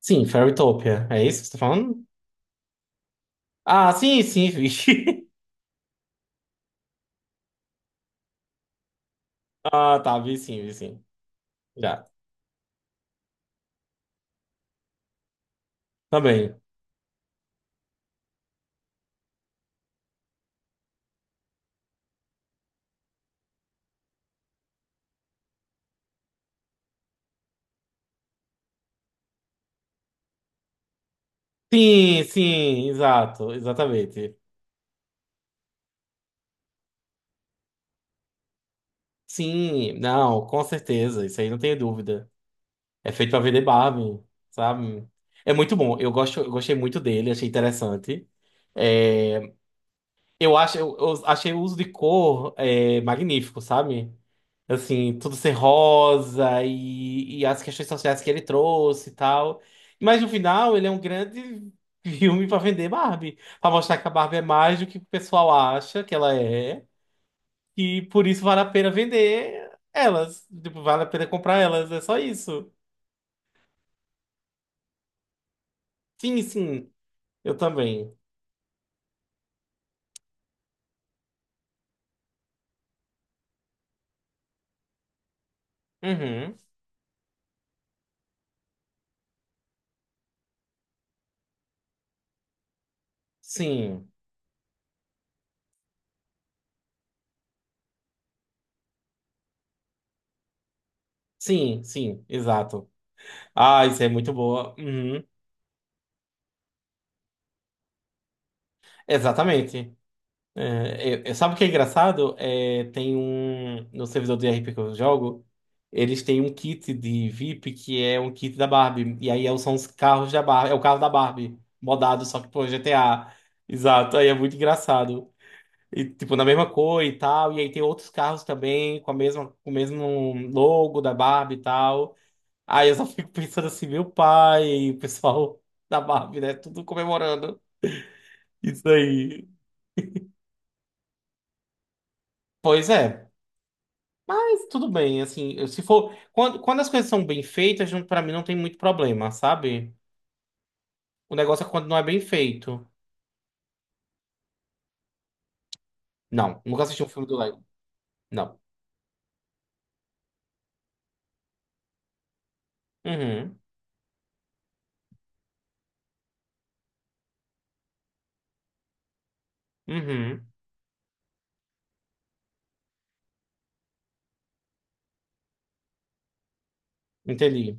Sim, Fairytopia. É isso que você tá falando? Ah, sim, sim, vi. Ah, tá, vi sim, vi sim. Já. Também. Sim, sim, exato, exatamente. Sim, não, com certeza, isso aí não tenho dúvida. É feito pra vender Barbie, sabe? É muito bom, eu gosto, eu gostei muito dele, achei interessante. É, eu achei o uso de cor é, magnífico, sabe? Assim, tudo ser rosa e as questões sociais que ele trouxe e tal. Mas no final, ele é um grande filme pra vender Barbie, pra mostrar que a Barbie é mais do que o pessoal acha que ela é, e por isso vale a pena vender elas, tipo, vale a pena comprar elas, é só isso. Sim, sim, eu também. Uhum. Sim, sim, sim, exato. Ah, isso é muito boa. Uhum. Exatamente. É, sabe o que é engraçado? É, tem um. No servidor do RP que eu jogo, eles têm um kit de VIP que é um kit da Barbie. E aí é, são os carros da Barbie. É o carro da Barbie, modado, só que pô, GTA. Exato. Aí é muito engraçado. E, tipo, na mesma cor e tal. E aí tem outros carros também com a mesma, com o mesmo logo da Barbie e tal. Aí eu só fico pensando assim, meu pai, o pessoal da Barbie, né? Tudo comemorando. Isso aí. Pois é. Mas tudo bem, assim, se for. Quando as coisas são bem feitas, não- pra mim não tem muito problema, sabe? O negócio é quando não é bem feito. Não, nunca assisti um filme do Lego. Não. Uhum. Uhum. Entendi.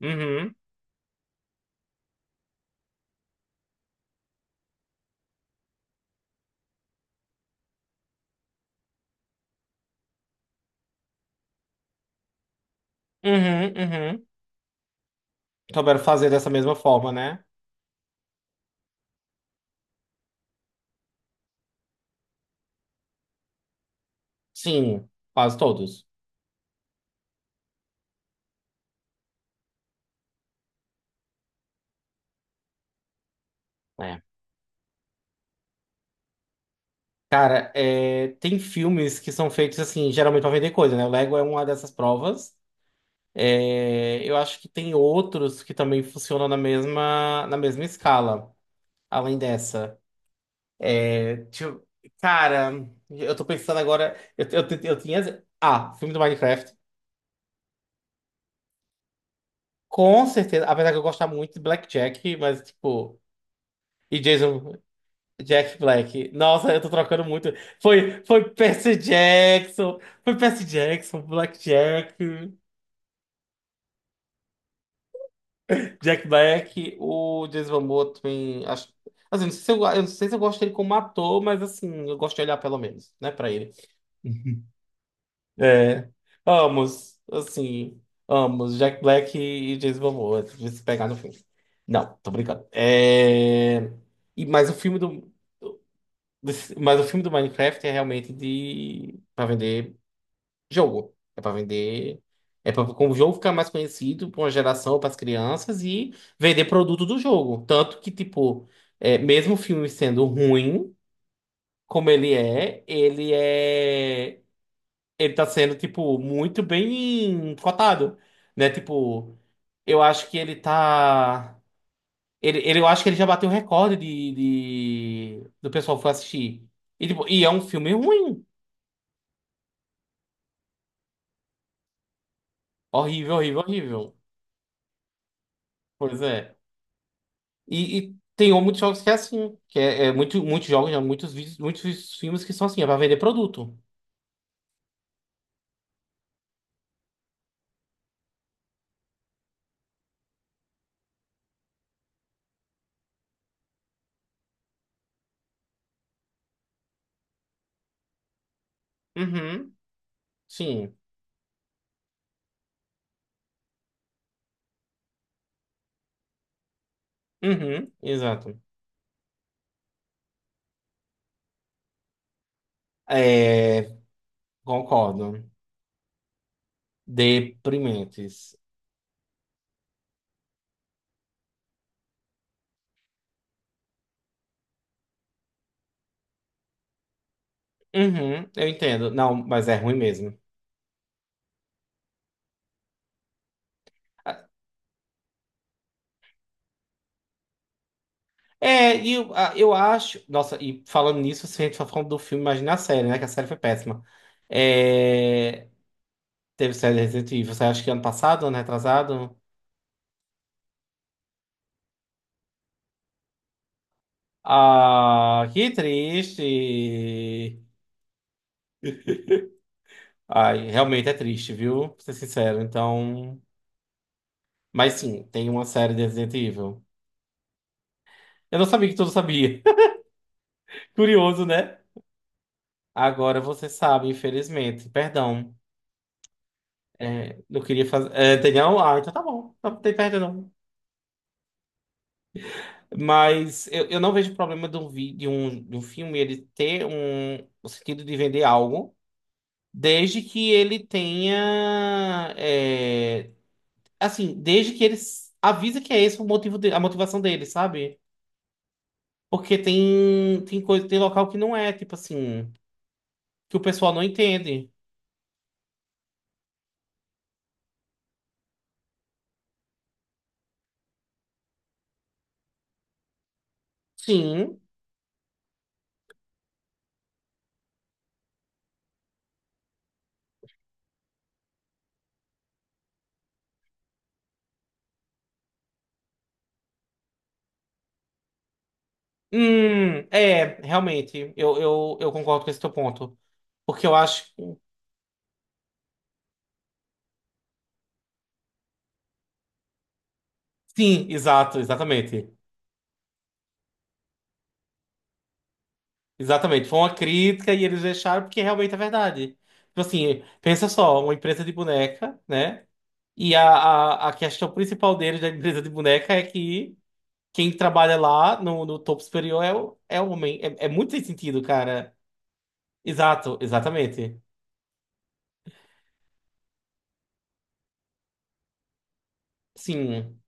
Uhum. Uhum. Uhum. Souberam fazer dessa mesma forma, né? Sim, quase todos. É. É, tem filmes que são feitos assim, geralmente pra vender coisa, né? O Lego é uma dessas provas. É, eu acho que tem outros que também funcionam na mesma escala, além dessa. Deixa eu- Cara, eu tô pensando agora. Eu tinha. Ah, filme do Minecraft. Com certeza. Apesar que eu gostava muito de Blackjack, mas tipo. E Jason. Jack Black. Nossa, eu tô trocando muito. Foi Percy Jackson. Foi Percy Jackson, Blackjack, Jack Black, o Jason Momoa também. Acho, assim, não sei se eu, não sei se eu gosto dele como ator, mas assim, eu gosto de olhar pelo menos, né, pra ele. É, ambos, assim, ambos, Jack Black e James Momoa, de se pegar no filme. Não, tô brincando. É, e, mas o filme do, desse- mas o filme do Minecraft é realmente de para vender jogo, é para vender, é para o jogo ficar mais conhecido para uma geração, para as crianças e vender produto do jogo. Tanto que tipo, é, mesmo o filme sendo ruim, como ele é, ele tá sendo, tipo, muito bem cotado, né? Tipo, eu acho que ele tá. Eu acho que ele já bateu o recorde de, do pessoal que foi assistir. E, tipo, e é um filme ruim. Horrível, horrível, horrível. Pois é. E tem muitos jogos que é assim. Que é, é muito, muitos jogos, né? Muitos, muitos filmes que são assim, é pra vender produto. Uhum. Sim. Uhum. Exato. É, concordo. Deprimentes. Uhum, eu entendo. Não, mas é ruim mesmo. É, eu acho. Nossa, e falando nisso, se a gente for falando do filme, imagina a série, né? Que a série foi péssima. É, teve série de Resident Evil, você acha que ano passado, ano retrasado? Ah, que triste. Ai, realmente é triste, viu? Pra ser sincero. Então. Mas sim, tem uma série de Resident Evil. Eu não sabia que tudo sabia. Curioso, né? Agora você sabe, infelizmente. Perdão. É, eu queria fazer. É, tem não? Ah, então tá bom. Não tem perda, não. Mas eu não vejo problema de um, vi, de um filme ele ter um, o sentido de vender algo, desde que ele tenha. É, assim, desde que ele s- avisa que é esse o motivo de, a motivação dele, sabe? Porque tem, tem coisa, tem local que não é, tipo assim, que o pessoal não entende. Sim. É, realmente, eu concordo com esse teu ponto. Porque eu acho. Sim, exato, exatamente. Exatamente. Foi uma crítica e eles deixaram porque realmente é verdade. Tipo assim, pensa só, uma empresa de boneca, né? E a questão principal deles da empresa de boneca é que quem trabalha lá no, no topo superior é o, é o homem. É, é muito sem sentido, cara. Exato, exatamente. Sim.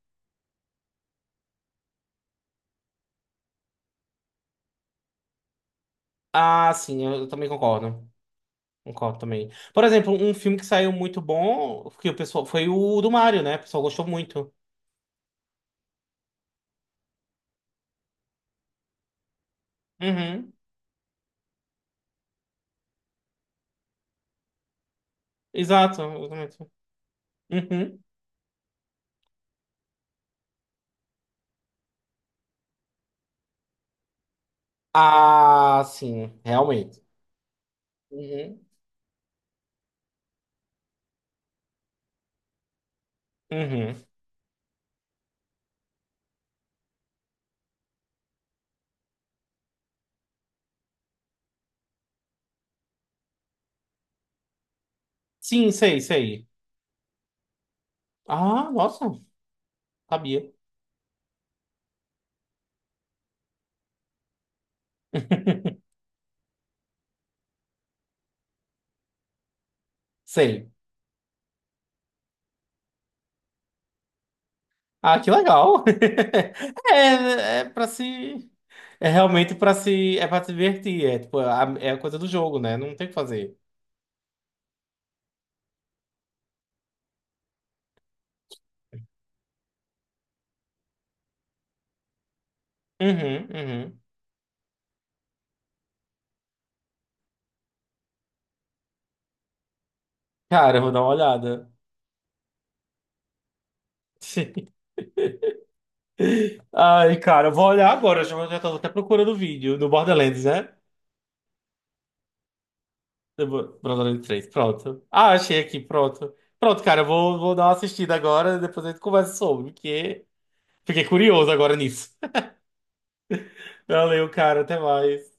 Ah, sim, eu, também concordo. Concordo também. Por exemplo, um filme que saiu muito bom, que o pessoal, foi o do Mario, né? O pessoal gostou muito. Uhum. Exato, exatamente. Uhum. Ah, sim, realmente. Uhum. Uhum. Sim, sei, sei. Ah, nossa, sabia. Sei. Ah, que legal. É, é para se. É realmente pra se. É pra se divertir. É tipo, é a coisa do jogo, né? Não tem o que fazer. Uhum, uhum. Cara, eu vou dar uma olhada. Ai, cara, eu vou olhar agora. Eu já, já tô até procurando o vídeo do Borderlands, né? Brodando de três, pronto. Ah, achei aqui, pronto. Pronto, cara, vou dar uma assistida agora, depois a gente conversa sobre, porque fiquei curioso agora nisso. Valeu, cara, até mais.